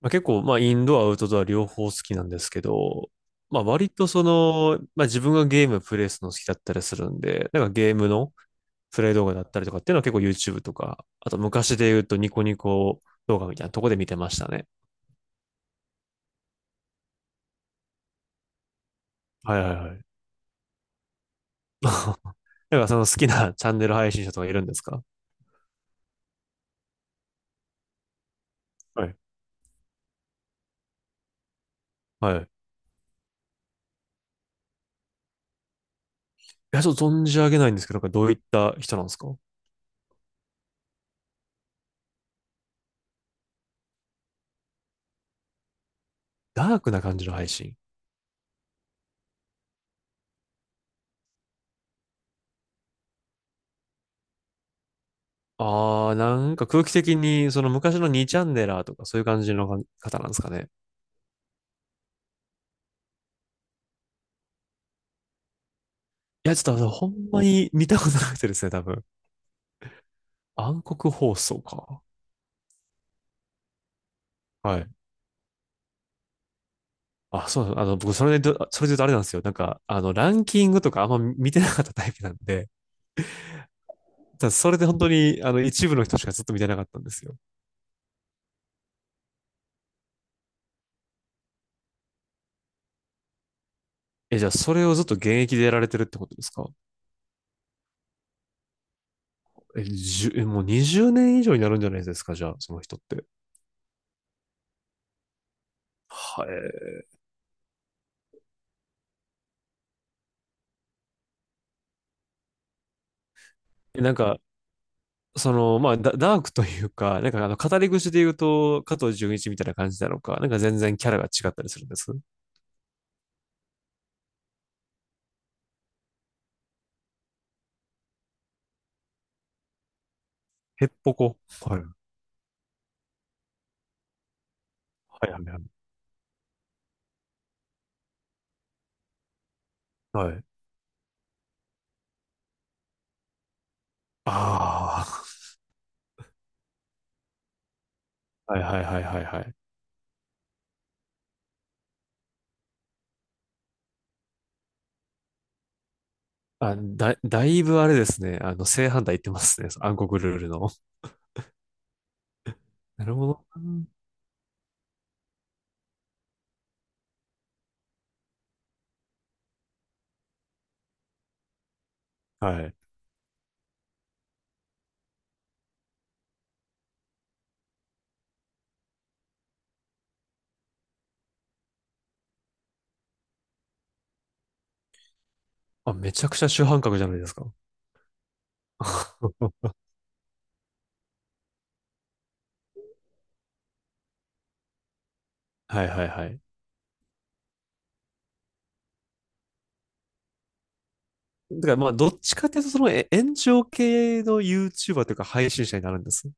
まあ、結構、まあ、インドア、アウトドア両方好きなんですけど、まあ、割とまあ、自分がゲームプレイするの好きだったりするんで、なんかゲームのプレイ動画だったりとかっていうのは結構 YouTube とか、あと昔で言うとニコニコ動画みたいなとこで見てましたね。はいはいはい。なんかその好きなチャンネル配信者とかいるんですか？はい。はい。いや、ちょっと存じ上げないんですけど、なんかどういった人なんですか？ダークな感じの配信。なんか空気的に、その昔の2チャンネラーとかそういう感じの方なんですかね。いや、ちょっとほんまに見たことなくてですね、多分。暗黒放送か。はい。あ、そうなん僕、それで言うとあれなんですよ。なんか、ランキングとかあんま見てなかったタイプなんで、ただそれで本当に、一部の人しかずっと見てなかったんですよ。え、じゃあ、それをずっと現役でやられてるってことですか？え、じゅ、えもう20年以上になるんじゃないですか、じゃあ、その人って。はい。なんか、まあ、ダークというか、なんか、語り口で言うと、加藤純一みたいな感じなのか、なんか全然キャラが違ったりするんです。へっぽこ。はい。はいはいはい。はい。ああ。はいはいはいはいはい。あ、だいぶあれですね。正反対言ってますね。暗黒ルールの。なるほどな。はい。あ、めちゃくちゃ主犯格じゃないですか。はいはいはい。だからまあ、どっちかっていうと、その炎上系の YouTuber というか配信者になるんです？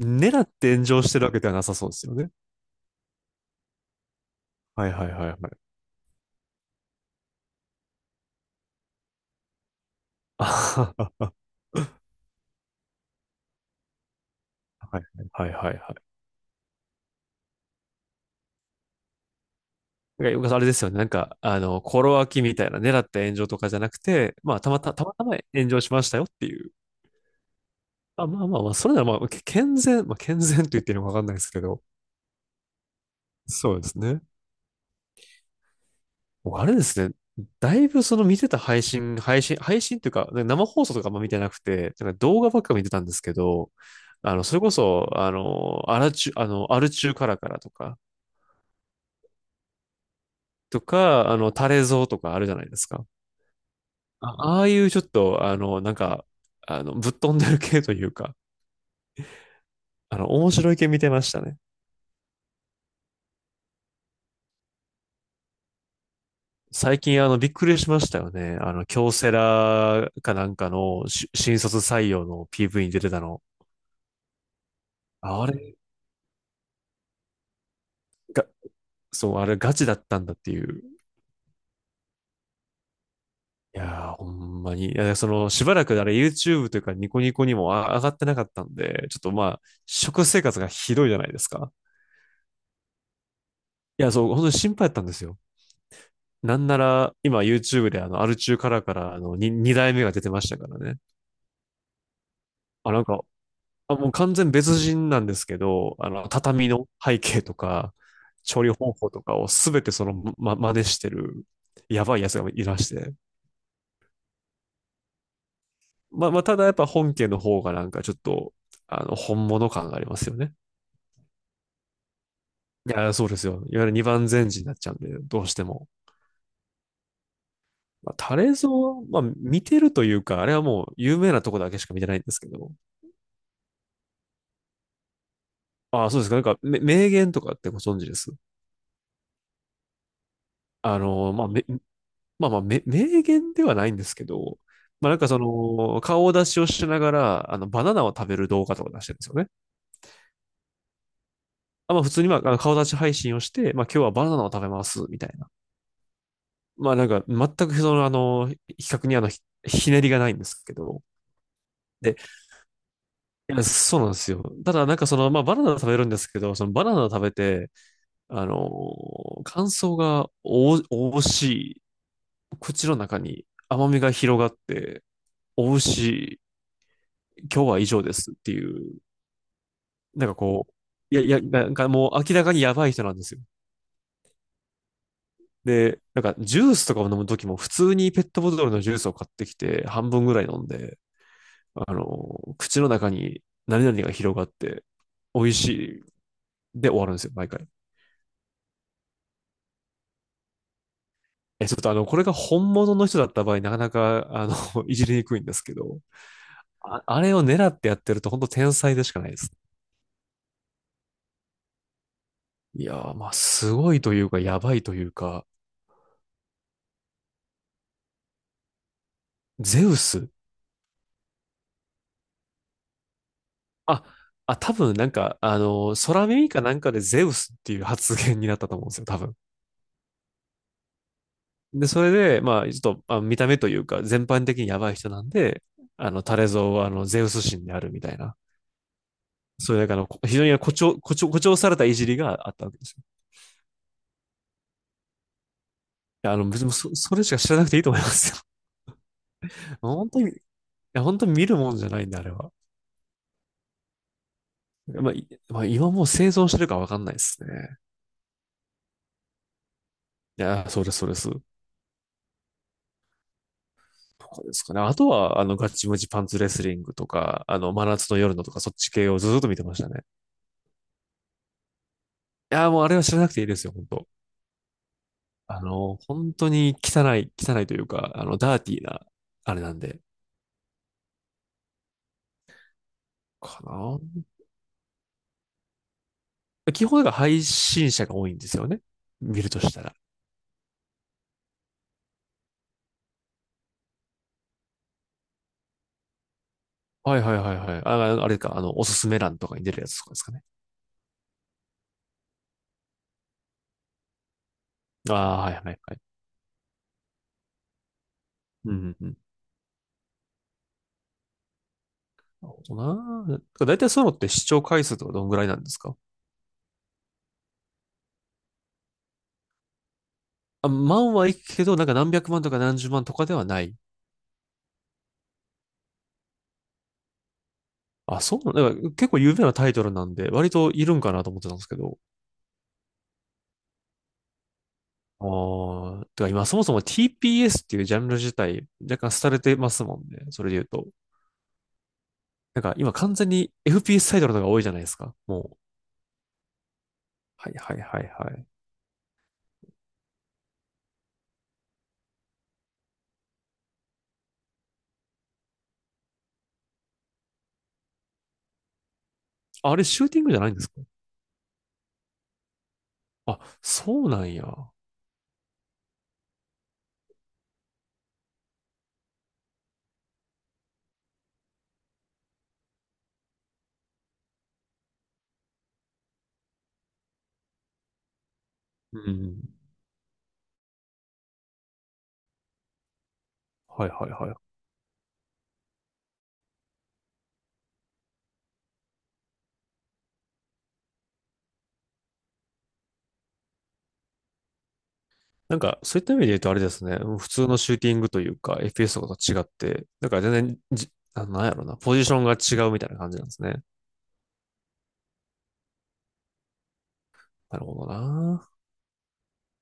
狙って炎上してるわけではなさそうですよね。はいはいはいはい。あはははいはいはいはい。なんかあれですよね。なんか、心脇みたいな狙った炎上とかじゃなくて、まあ、たまたま炎上しましたよっていう。あ、まあまあまあ、それならまあ、健全、まあ、健全と言っていいのかわかんないですけど。そうですね。もうあれですね。だいぶその見てた配信というか、生放送とかあんま見てなくて、なんか動画ばっか見てたんですけど、それこそ、あの、アラチュ、あの、アルチューカラカラとか、タレゾウとかあるじゃないですか。あ、ああいうちょっと、なんか、ぶっ飛んでる系というか、面白い系見てましたね。最近、びっくりしましたよね。京セラかなんかの新卒採用の PV に出てたの。あれが、そう、あれガチだったんだっていう。いやー、ほんまに。いや、しばらくあれ YouTube というかニコニコにも上がってなかったんで、ちょっとまあ、食生活がひどいじゃないですか。いや、そう、本当に心配だったんですよ。なんなら、今 YouTube でアル中からから、二代目が出てましたからね。あ、もう完全別人なんですけど、畳の背景とか、調理方法とかをすべて真似してる、やばいやつがいらして。まあ、まあ、ただやっぱ本家の方がなんかちょっと、本物感がありますよね。いや、そうですよ。いわゆる二番煎じになっちゃうんで、どうしても。まあ、タレゾは、まあ、見てるというか、あれはもう有名なとこだけしか見てないんですけど、ああ、そうですか。なんか、名言とかってご存知です？まあ、まあまあ、名言ではないんですけど、まあなんか顔出しをしながら、バナナを食べる動画とか出してるんですよね。あ、まあ普通に、まあ、あの顔出し配信をして、まあ今日はバナナを食べます、みたいな。まあなんか、全く比較にひねりがないんですけど。で、いやそうなんですよ。ただなんかまあバナナを食べるんですけど、そのバナナを食べて、あの、感想がおしい、口の中に甘みが広がって、美味しい、今日は以上ですっていう、なんかこう、いや、いや、なんかもう明らかにやばい人なんですよ。で、なんかジュースとかを飲むときも普通にペットボトルのジュースを買ってきて半分ぐらい飲んで、口の中に何々が広がって美味しいで終わるんですよ、毎回。え、ちょっとこれが本物の人だった場合、なかなか、いじりにくいんですけど、あ、あれを狙ってやってると本当天才でしかないです。いやー、まあ、すごいというか、やばいというか、ゼウス。あ、あ、多分なんか、あの空耳かなんかでゼウスっていう発言になったと思うんですよ、多分。で、それで、まあ、ちょっと、あ、見た目というか、全般的にやばい人なんで、タレゾウは、ゼウス神であるみたいな。そういう、なんか非常に誇張されたいじりがあったわけですよ。いや、別にそれしか知らなくていいと思いますよ。本当に、いや、本当に見るもんじゃないんで、あれは。まあ、今もう生存してるかわかんないですね。いや、そうです、そうです。とかですかね。あとは、ガチムチパンツレスリングとか、真夏の夜のとか、そっち系をずっと見てましたね。いやー、もうあれは知らなくていいですよ、本当。本当に汚い、汚いというか、ダーティーな、あれなんで、かな。基本が配信者が多いんですよね。見るとしたら。はいはいはいはい。あ、あれか、おすすめ欄とかに出るやつとかですかね。ああ、はいはいはい。うんうん。うん。なるほどな。だいたいそういうのって視聴回数とかどんぐらいなんですか？あ、万はいくけど、なんか何百万とか何十万とかではない。あ、そうなんだ。から結構有名なタイトルなんで、割といるんかなと思ってたんですけど。ああ、てか今そもそも TPS っていうジャンル自体若干廃れてますもんね。それで言うと。なんか今完全に FPS タイトルの方が多いじゃないですか。もう。はいはいはいはい。あれシューティングじゃないんですか？あ、そうなんや。うん。はいはいはい。なんかそういった意味で言うとあれですね。普通のシューティングというか FPS とかと違って、なんか全然なんやろな。ポジションが違うみたいな感じなんですね。なるほどな。